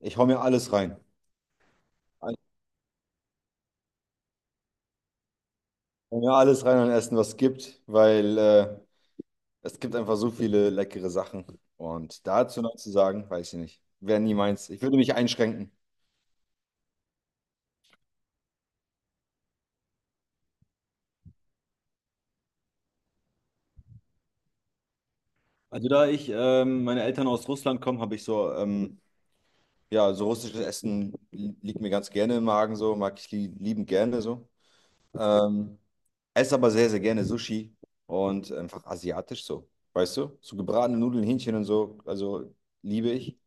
Ich hau mir alles rein. Ich hau mir alles rein an Essen, was es gibt, weil es gibt einfach so viele leckere Sachen. Und dazu noch zu sagen, weiß ich nicht. Wäre nie meins. Ich würde mich einschränken. Also da ich, meine Eltern aus Russland kommen, habe ich so, ja, so russisches Essen liegt mir ganz gerne im Magen, so, mag ich li liebend gerne so. Ähm, esse aber sehr, sehr gerne Sushi und einfach asiatisch so. Weißt du? So gebratene Nudeln, Hähnchen und so, also liebe ich.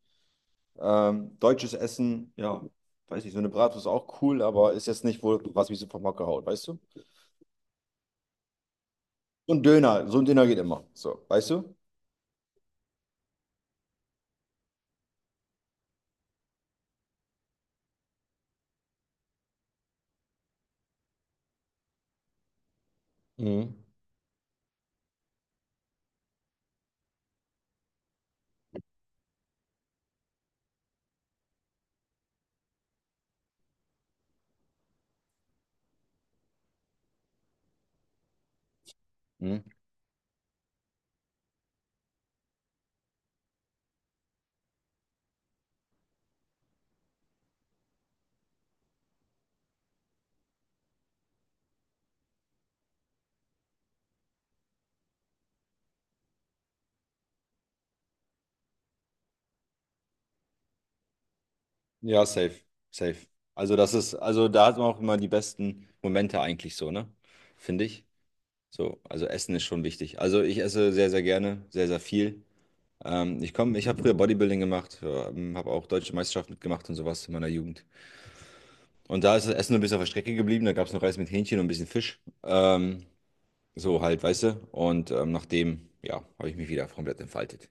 Deutsches Essen, ja, weiß nicht, so eine Bratwurst ist auch cool, aber ist jetzt nicht wohl, was mich so vom Hocker haut, weißt du? So ein Döner geht immer, so, weißt du? Mhm. Mhm. Ja, safe, safe. Also das ist, also da hat man auch immer die besten Momente eigentlich so, ne? Finde ich. So, also Essen ist schon wichtig. Also ich esse sehr, sehr gerne, sehr, sehr viel. Ich komme, ich habe früher Bodybuilding gemacht, habe auch deutsche Meisterschaft mitgemacht und sowas in meiner Jugend. Und da ist das Essen ein bisschen auf der Strecke geblieben. Da gab es noch Reis mit Hähnchen und ein bisschen Fisch. So halt, weißt du? Und nachdem, ja, habe ich mich wieder komplett entfaltet.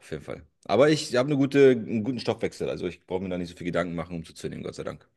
Auf jeden Fall. Aber ich habe eine gute, einen guten Stoffwechsel. Also ich brauche mir da nicht so viel Gedanken machen, um zuzunehmen, Gott sei Dank.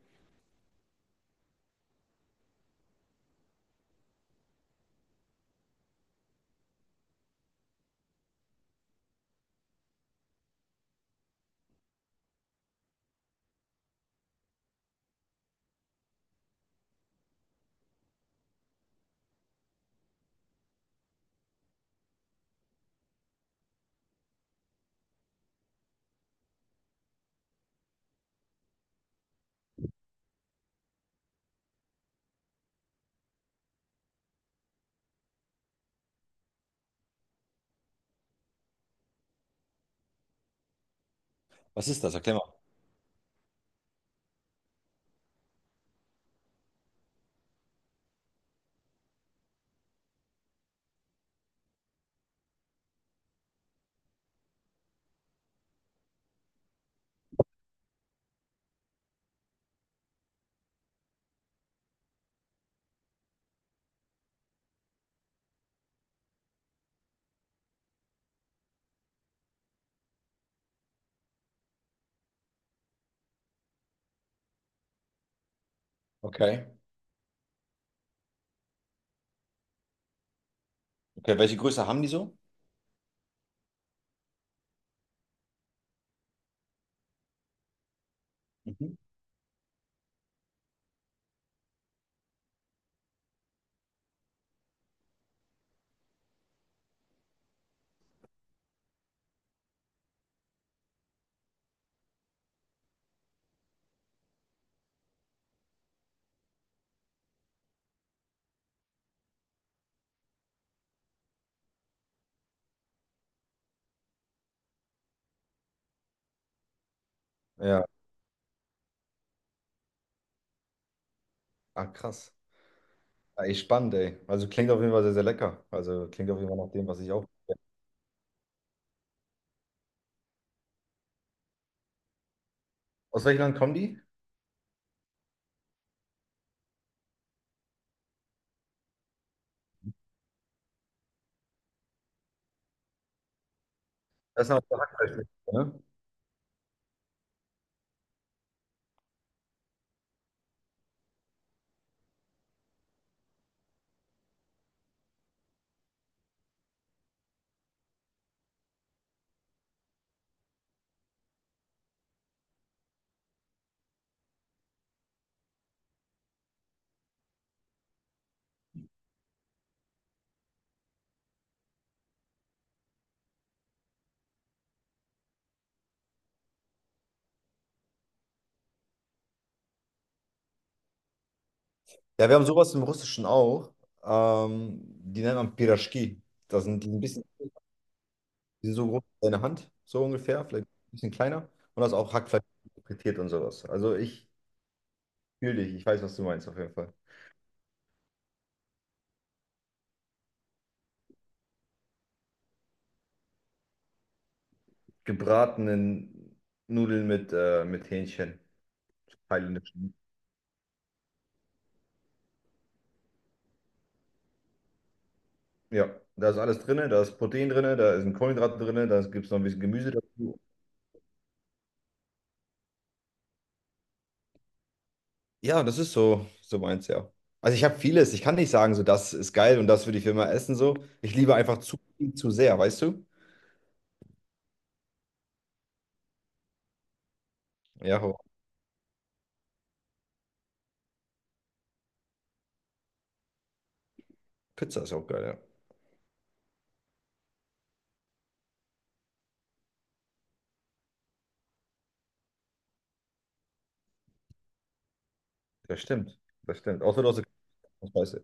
Was ist das? Erklär mal. Okay. Okay, welche Größe haben die so? Mhm. Ja, ah, krass. Ah, echt spannend, ey. Also klingt auf jeden Fall sehr, sehr lecker. Also klingt auf jeden Fall nach dem, was ich auch. Aus welchem Land kommen die? Das ist eine Hackfleischmischung, ne? Ja, wir haben sowas im Russischen auch. Die nennt man Piraschki. Das sind die ein bisschen. Die sind so groß wie deine Hand, so ungefähr, vielleicht ein bisschen kleiner. Und das auch Hackfleisch, frittiert und sowas. Also ich fühle dich, ich weiß, was du meinst auf jeden Fall. Gebratenen Nudeln mit Hähnchen, thailändisch. Ja, da ist alles drin, da ist Protein drin, da ist ein Kohlenhydrat drin, da gibt es noch ein bisschen Gemüse dazu. Ja, das ist so, so meins, ja. Also ich habe vieles, ich kann nicht sagen, so das ist geil und das würde ich immer essen, so. Ich liebe einfach zu viel, zu sehr, weißt du? Ja, aber Pizza ist auch geil, ja. Das stimmt, das stimmt. Außer du hast eine Scheiße.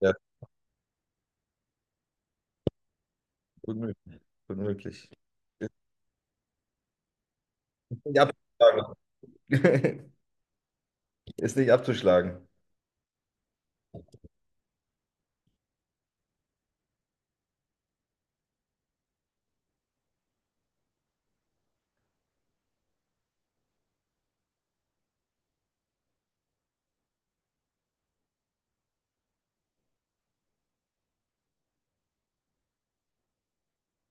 Ja, gut möglich. Gut möglich. Ist nicht abzuschlagen. Ist nicht abzuschlagen.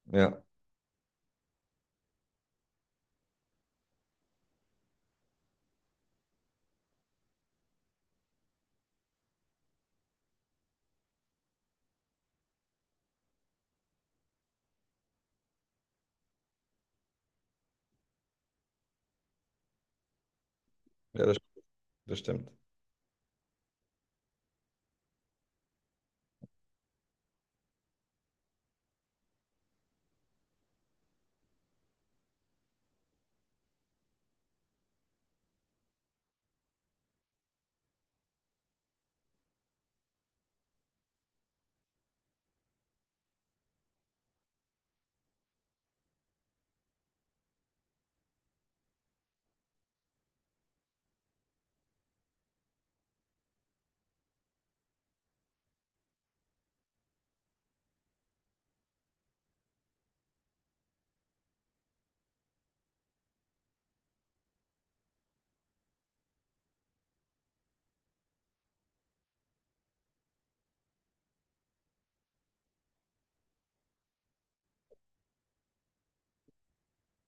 Ja, ja, das stimmt.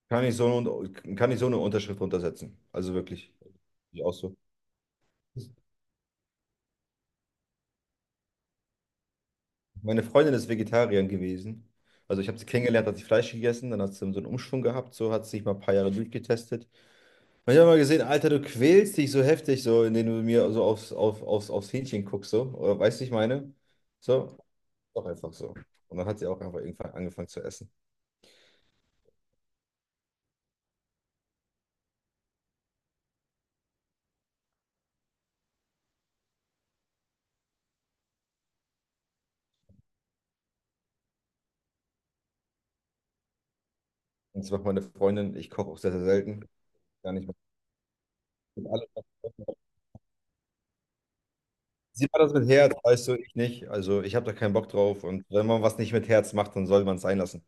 Kann ich so eine, kann ich so eine Unterschrift runtersetzen. Also wirklich. Ich auch so. Meine Freundin ist Vegetarierin gewesen. Also ich habe sie kennengelernt, hat sie Fleisch gegessen, dann hat sie so einen Umschwung gehabt, so hat sie sich mal ein paar Jahre durchgetestet. Und ich habe mal gesehen, Alter, du quälst dich so heftig, so indem du mir so aufs Hähnchen guckst, so. Oder weißt du, ich meine? So, doch einfach so. Und dann hat sie auch einfach irgendwann angefangen zu essen. Und das macht meine Freundin. Ich koche auch sehr, sehr selten. Gar nicht mehr. Sie macht das mit Herz, weißt du, ich nicht. Also ich habe da keinen Bock drauf. Und wenn man was nicht mit Herz macht, dann soll man es sein lassen.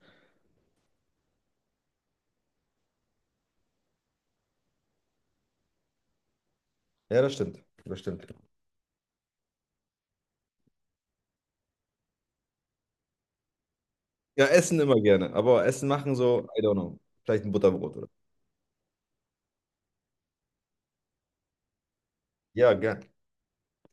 Ja, das stimmt. Das stimmt. Ja, essen immer gerne. Aber Essen machen so, I don't know. Vielleicht ein Butterbrot oder so. Ja, gern.